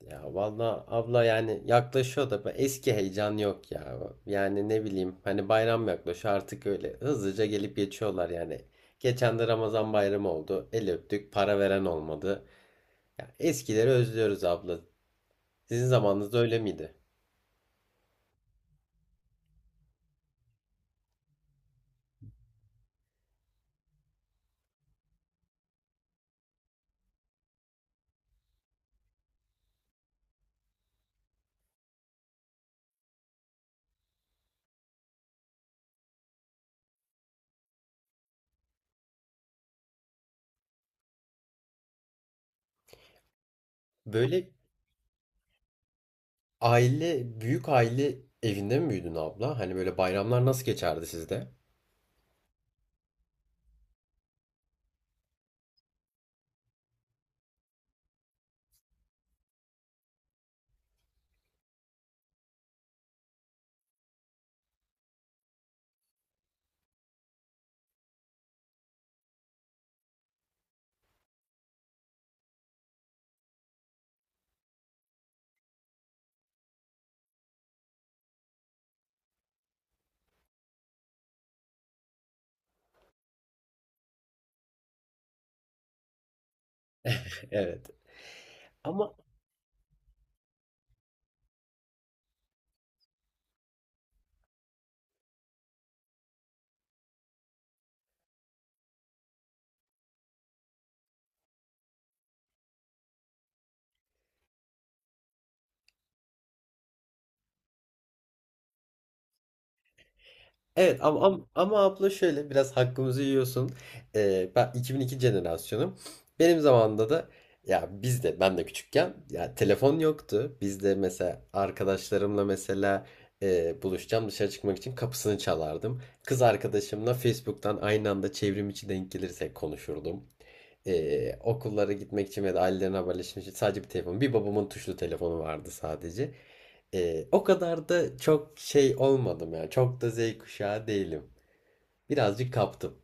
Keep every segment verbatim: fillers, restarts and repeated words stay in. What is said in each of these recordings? Ya valla abla yani yaklaşıyor da ben- eski heyecan yok ya. Yani ne bileyim hani bayram yaklaşıyor artık öyle hızlıca gelip geçiyorlar yani. Geçen de Ramazan bayramı oldu. El öptük, para veren olmadı. Ya eskileri özlüyoruz abla. Sizin zamanınızda öyle miydi? Böyle aile, büyük aile evinde mi büyüdün abla? Hani böyle bayramlar nasıl geçerdi sizde? Evet. Ama evet, ama, ama, ama abla şöyle biraz hakkımızı yiyorsun. Ee, ben iki bin iki jenerasyonum. Benim zamanımda da ya biz de ben de küçükken ya telefon yoktu. Biz de mesela arkadaşlarımla mesela e, buluşacağım dışarı çıkmak için kapısını çalardım. Kız arkadaşımla Facebook'tan aynı anda çevrim içi denk gelirse konuşurdum. Ee, okullara gitmek için ya da ailelerine haberleşmek için sadece bir telefon. Bir babamın tuşlu telefonu vardı sadece. Ee, o kadar da çok şey olmadım ya. Çok da Z kuşağı değilim. Birazcık kaptım.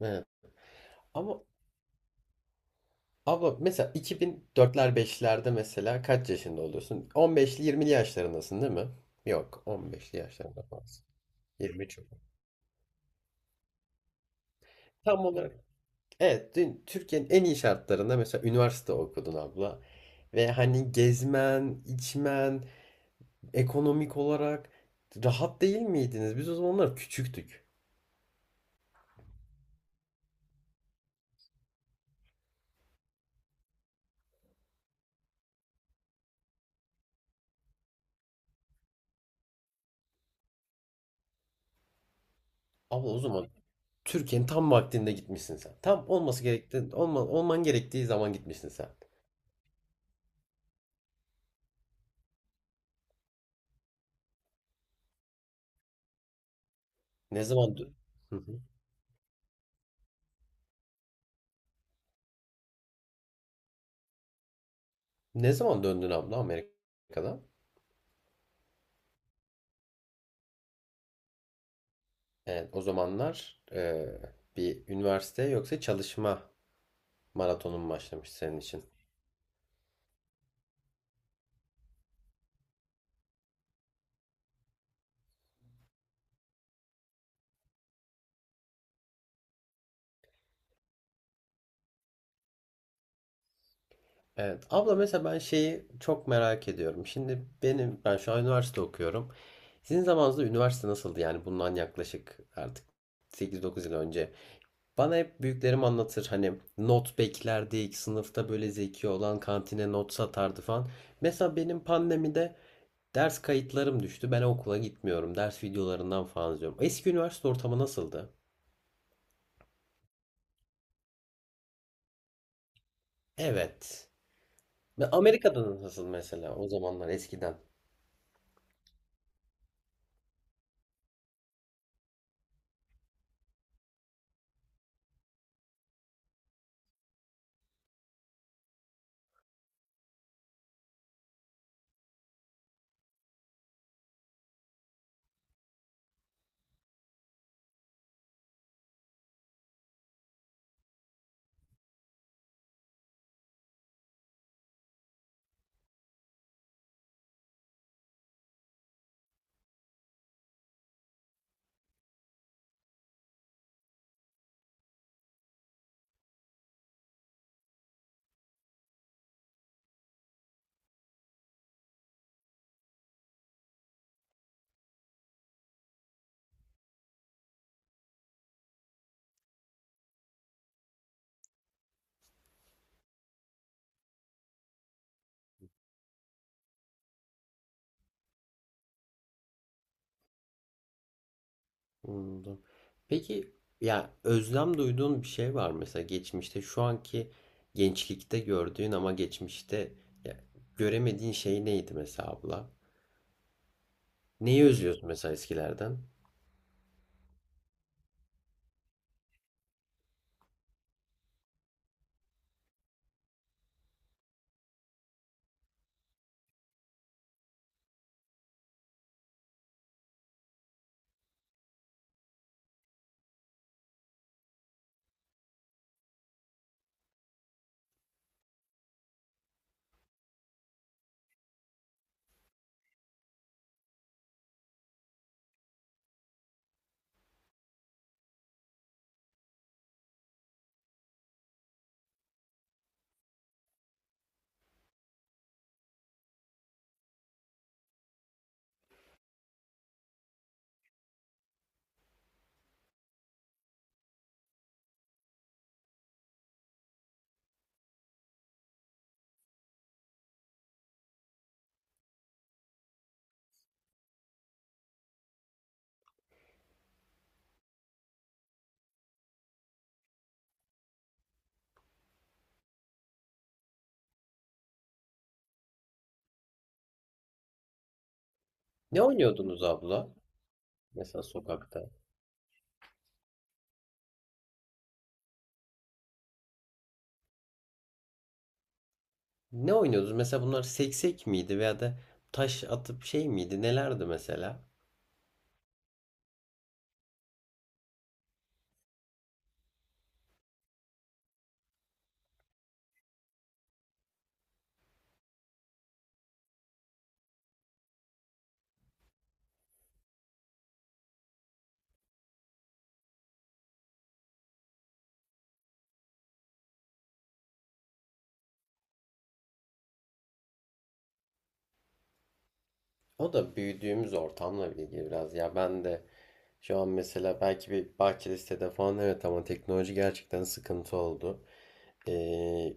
Evet. Ama abla mesela iki bin dörtler beşlerde mesela kaç yaşında oluyorsun? on beşli yirmili yaşlarındasın değil mi? Yok, on beşli yaşlarında fazla. yirmi üç oldu. Tam olarak. Evet, dün Türkiye'nin en iyi şartlarında mesela üniversite okudun abla. Ve hani gezmen, içmen, ekonomik olarak rahat değil miydiniz? Biz o zamanlar küçüktük. Abla o zaman Türkiye'nin tam vaktinde gitmişsin sen. Tam olması gerektiği, olma, olman gerektiği zaman gitmişsin sen. Ne zaman dö- Hı hı. Ne zaman döndün abla Amerika'dan? Evet, o zamanlar e, bir üniversite yoksa çalışma maratonun mu başlamış senin için? Evet. Abla mesela ben şeyi çok merak ediyorum. Şimdi benim ben şu an üniversite okuyorum. Sizin zamanınızda üniversite nasıldı? Yani bundan yaklaşık artık sekiz dokuz yıl önce. Bana hep büyüklerim anlatır hani not beklerdik, sınıfta böyle zeki olan kantine not satardı falan. Mesela benim pandemide ders kayıtlarım düştü. Ben okula gitmiyorum. Ders videolarından falan izliyorum. Eski üniversite ortamı nasıldı? Evet. Ve Amerika'da nasıl mesela o zamanlar eskiden? Anladım. Peki ya özlem duyduğun bir şey var mı? Mesela geçmişte şu anki gençlikte gördüğün ama geçmişte ya, göremediğin şey neydi mesela abla? Neyi özlüyorsun mesela eskilerden? Ne oynuyordunuz abla? Mesela sokakta. Ne oynuyordunuz? Mesela bunlar seksek miydi veya da taş atıp şey miydi? Nelerdi mesela? O da büyüdüğümüz ortamla ilgili biraz ya. Ben de şu an mesela belki bir bahçeli sitede falan, evet, ama teknoloji gerçekten sıkıntı oldu. Ee,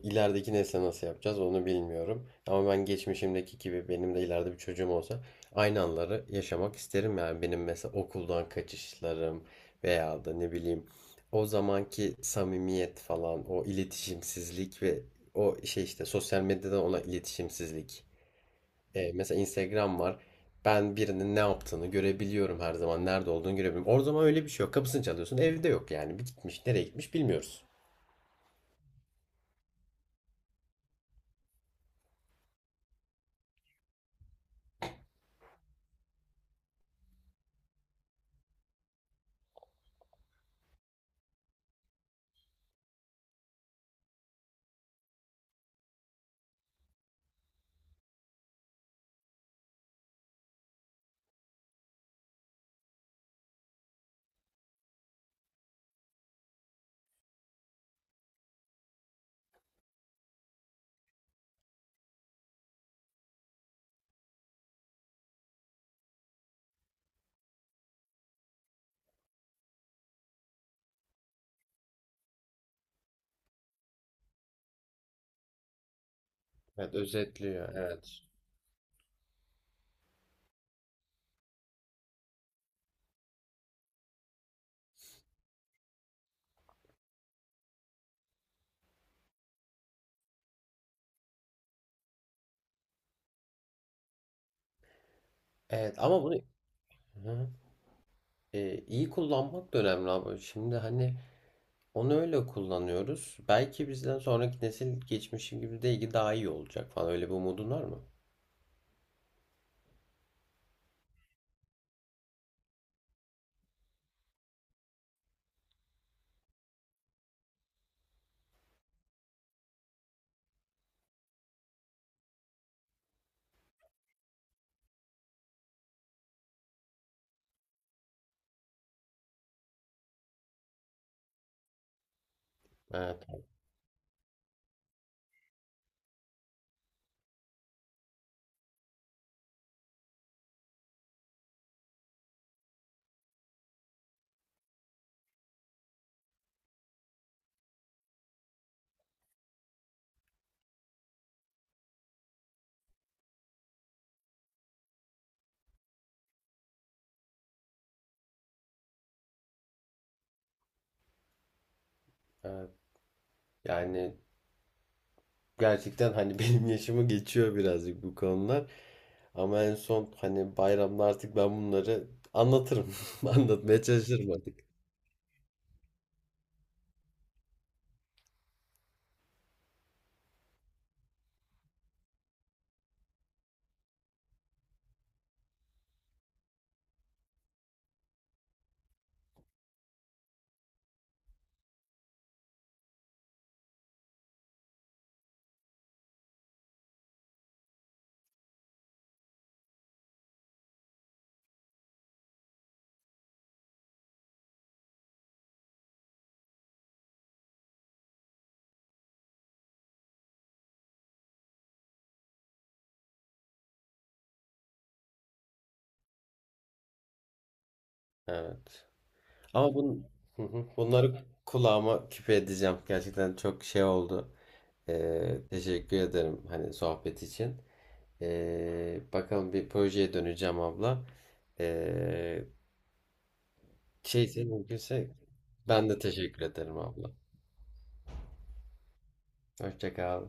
ilerideki nesle nasıl yapacağız onu bilmiyorum. Ama ben geçmişimdeki gibi benim de ileride bir çocuğum olsa aynı anları yaşamak isterim. Yani benim mesela okuldan kaçışlarım veya da ne bileyim o zamanki samimiyet falan, o iletişimsizlik ve o şey işte sosyal medyadan olan iletişimsizlik. Ee, mesela Instagram var. Ben birinin ne yaptığını görebiliyorum her zaman. Nerede olduğunu görebiliyorum. O zaman öyle bir şey yok. Kapısını çalıyorsun. Evde yok yani. Bir gitmiş. Nereye gitmiş bilmiyoruz. Evet, özetliyor. Evet. Evet ama bunu, hı hı, Ee, iyi kullanmak da önemli abi. Şimdi hani onu öyle kullanıyoruz. Belki bizden sonraki nesil geçmişim gibi de daha iyi olacak falan. Öyle bir umudun var mı? Evet, evet. Yani gerçekten hani benim yaşımı geçiyor birazcık bu konular. Ama en son hani bayramda artık ben bunları anlatırım. Anlatmaya çalışırım artık. Evet. Ama bun, hı hı. Bunları kulağıma küpe edeceğim. Gerçekten çok şey oldu. Ee, teşekkür ederim hani sohbet için. Ee, bakalım bir projeye döneceğim abla. Ee, Şeyse mümkünse ben de teşekkür ederim abla. Hoşça kal.